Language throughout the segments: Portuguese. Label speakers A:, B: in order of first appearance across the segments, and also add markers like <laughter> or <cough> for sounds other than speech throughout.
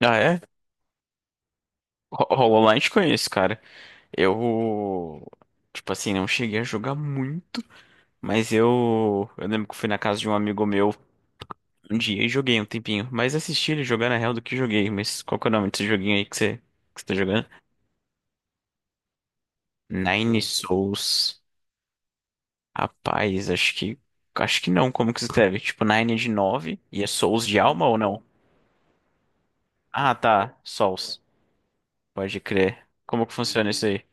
A: Ah, é? HoloLens conheço, cara. Eu, tipo assim, não cheguei a jogar muito, mas eu lembro que eu fui na casa de um amigo meu um dia e joguei um tempinho. Mais assisti ele jogar na real do que joguei. Mas qual que é o nome desse joguinho aí que você tá jogando? Nine Souls. Rapaz, acho que não. Como que se escreve? Tipo, Nine de nove e é Souls de alma ou não? Ah, tá. Souls. Pode crer. Como que funciona isso aí?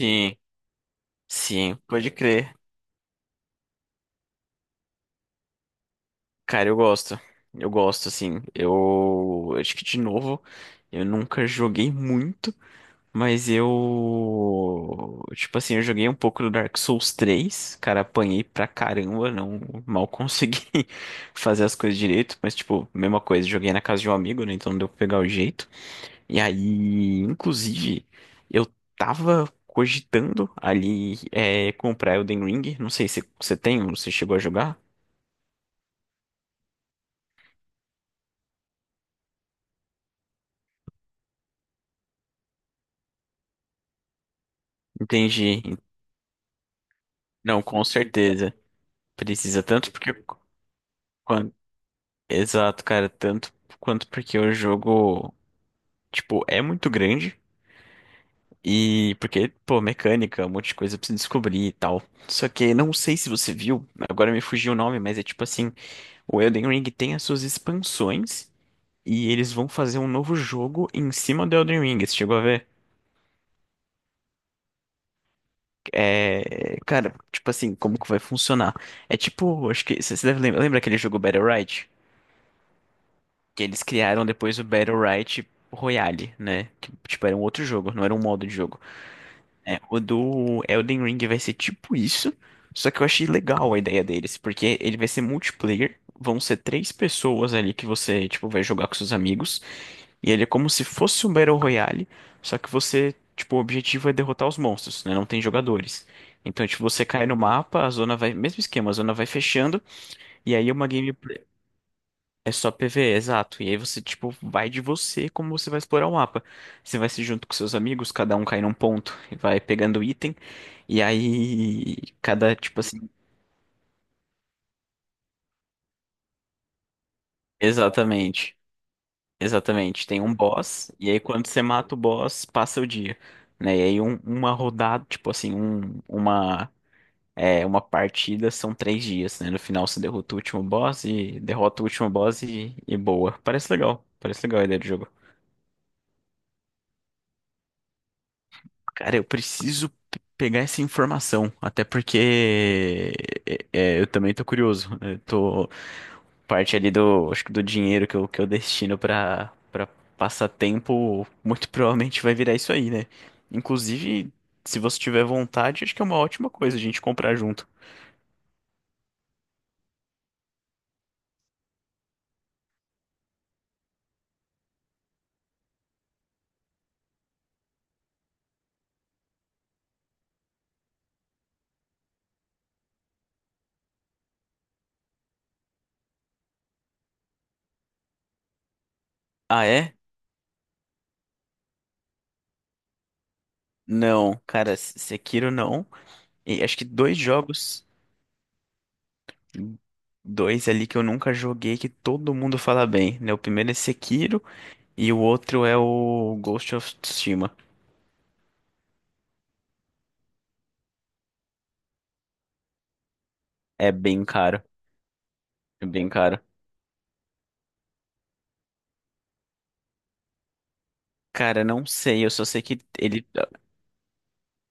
A: Sim, sim, pode crer. Cara, eu gosto. Eu gosto, assim. Eu acho que, de novo, eu nunca joguei muito, mas eu. Tipo assim, eu joguei um pouco do Dark Souls 3. Cara, apanhei pra caramba, não mal consegui <laughs> fazer as coisas direito, mas, tipo, mesma coisa, joguei na casa de um amigo, né? Então não deu pra pegar o jeito. E aí, inclusive, eu tava cogitando ali, é, comprar Elden Ring. Não sei se você tem ou você chegou a jogar. Entendi. Não, com certeza. Precisa tanto porque. quan- Exato, cara. Tanto quanto porque o jogo, tipo, é muito grande. E porque, pô, mecânica, um monte de coisa pra você descobrir e tal. Só que não sei se você viu, agora me fugiu o nome, mas é tipo assim: o Elden Ring tem as suas expansões. E eles vão fazer um novo jogo em cima do Elden Ring. Você chegou a ver? É. Cara, tipo assim, como que vai funcionar? É tipo, acho que. Você deve lembrar, lembra aquele jogo Battle Rite? Que eles criaram depois o Battle Right Royale, né? Que, tipo, era um outro jogo, não era um modo de jogo. É, o do Elden Ring vai ser tipo isso, só que eu achei legal a ideia deles, porque ele vai ser multiplayer, vão ser três pessoas ali que você, tipo, vai jogar com seus amigos, e ele é como se fosse um Battle Royale, só que você, tipo, o objetivo é derrotar os monstros, né? Não tem jogadores. Então, tipo, você cai no mapa, a zona vai. Mesmo esquema, a zona vai fechando, e aí uma é só PvE, exato. E aí você, tipo, vai de você como você vai explorar o mapa. Você vai se junto com seus amigos, cada um cai num ponto e vai pegando item. E aí, cada, tipo assim. Exatamente. Exatamente. Tem um boss, e aí quando você mata o boss, passa o dia. Né? E aí, uma rodada, tipo assim, uma partida são três dias, né? No final você derrota o último boss e derrota o último boss e boa. Parece legal. Parece legal a ideia de jogo. Cara, eu preciso pegar essa informação, até porque eu também tô curioso. Eu tô parte ali do, acho que do dinheiro que eu destino pra para passatempo, muito provavelmente vai virar isso aí, né? Inclusive, se você tiver vontade, acho que é uma ótima coisa a gente comprar junto. Ah, é? Não, cara, Sekiro não. E acho que dois jogos, dois ali que eu nunca joguei que todo mundo fala bem, né? O primeiro é Sekiro. E o outro é o Ghost of Tsushima. É bem caro. É bem caro. Cara, não sei, eu só sei que ele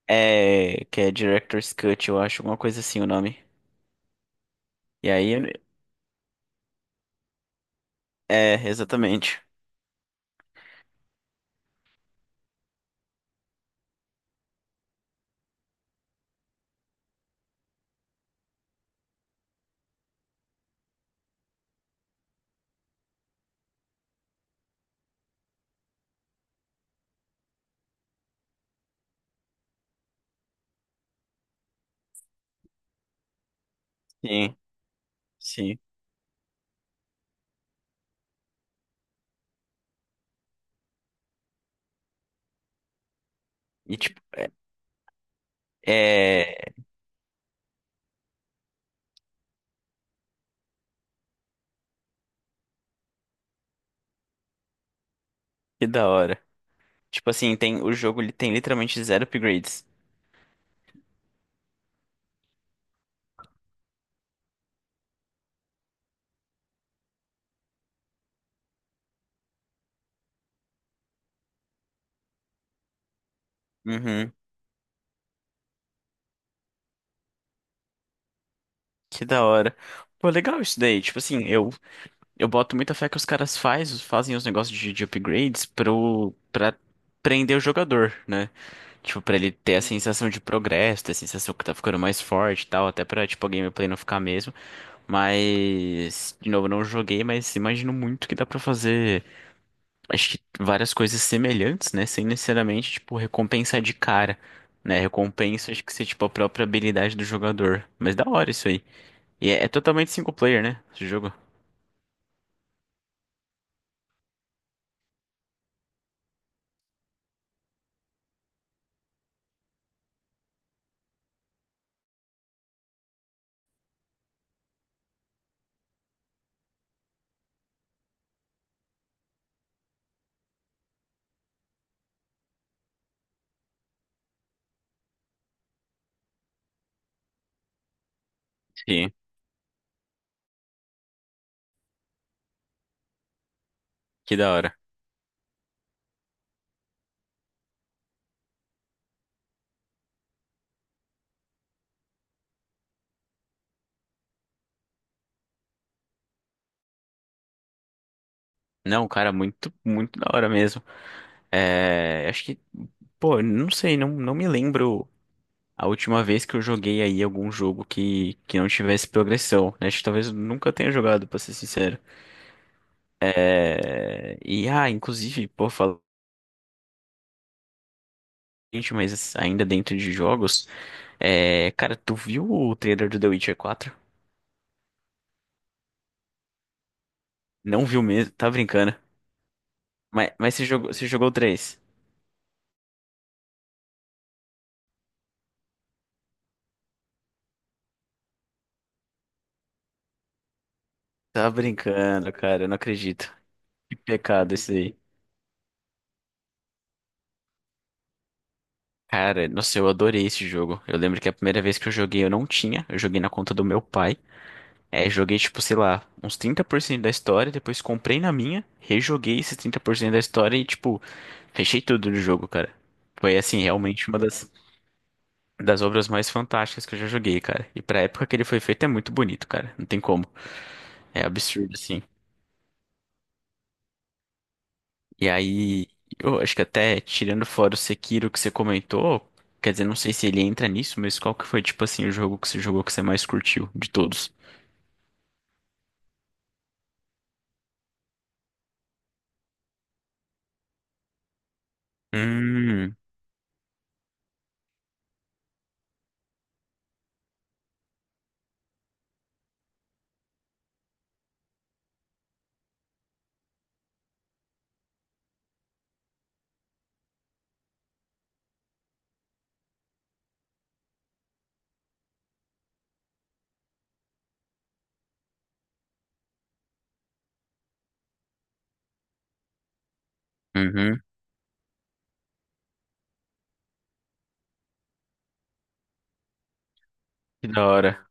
A: é que é Director's Cut, eu acho, alguma coisa assim o nome. E aí é exatamente. Sim, sim. E tipo, é que da hora. Tipo assim, tem o jogo, ele tem literalmente zero upgrades. Uhum. Que da hora. Pô, legal isso daí. Tipo assim, eu boto muita fé que os caras fazem os negócios de, upgrades pro para prender o jogador, né? Tipo, pra ele ter a sensação de progresso, ter a sensação que tá ficando mais forte e tal, até pra, tipo, a gameplay não ficar mesmo. Mas, de novo, não joguei, mas imagino muito que dá pra fazer, acho que várias coisas semelhantes, né? Sem necessariamente, tipo, recompensa de cara, né? Recompensa, acho que ser, tipo, a própria habilidade do jogador. Mas da hora isso aí. E é totalmente single player, né? Esse jogo. Sim, que da hora. Não, cara, muito, muito da hora mesmo. É, acho que, pô, não sei, não, não me lembro. A última vez que eu joguei aí algum jogo que não tivesse progressão, né? Acho que talvez eu nunca tenha jogado, pra ser sincero. E, ah, inclusive, pô, falando, gente, mas ainda dentro de jogos, cara, tu viu o trailer do The Witcher 4? Não viu mesmo, tá brincando. Mas você jogou o 3? Tá brincando, cara, eu não acredito. Que pecado esse aí. Cara, nossa, eu adorei esse jogo. Eu lembro que a primeira vez que eu joguei eu não tinha, eu joguei na conta do meu pai. É, joguei, tipo, sei lá, uns 30% da história, depois comprei na minha, rejoguei esses 30% da história e, tipo, fechei tudo do jogo, cara. Foi, assim, realmente uma das, obras mais fantásticas que eu já joguei, cara. E pra época que ele foi feito é muito bonito, cara. Não tem como. É absurdo, assim. E aí, eu acho que até tirando fora o Sekiro que você comentou, quer dizer, não sei se ele entra nisso, mas qual que foi, tipo assim, o jogo que você jogou que você mais curtiu de todos? Hum, uhum, que da hora.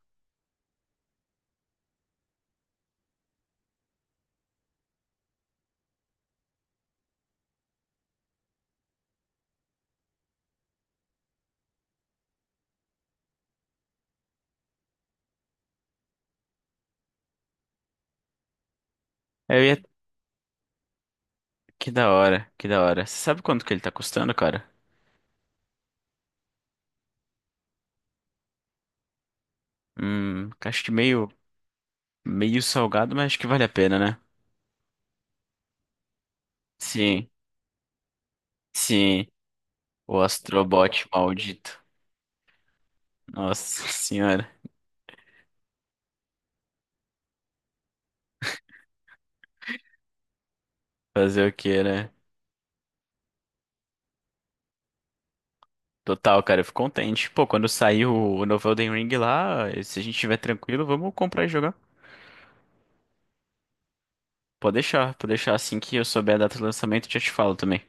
A: Eu ia Que da hora, que da hora. Você sabe quanto que ele tá custando, cara? Acho que meio, meio salgado, mas acho que vale a pena, né? Sim, sim. O Astrobot maldito. Nossa <laughs> senhora. Fazer o que, né? Total, cara, eu fico contente. Pô, quando sair o, novo Elden Ring lá, se a gente estiver tranquilo, vamos comprar e jogar. Pode deixar, pode deixar. Assim que eu souber a data de lançamento, eu já te falo também.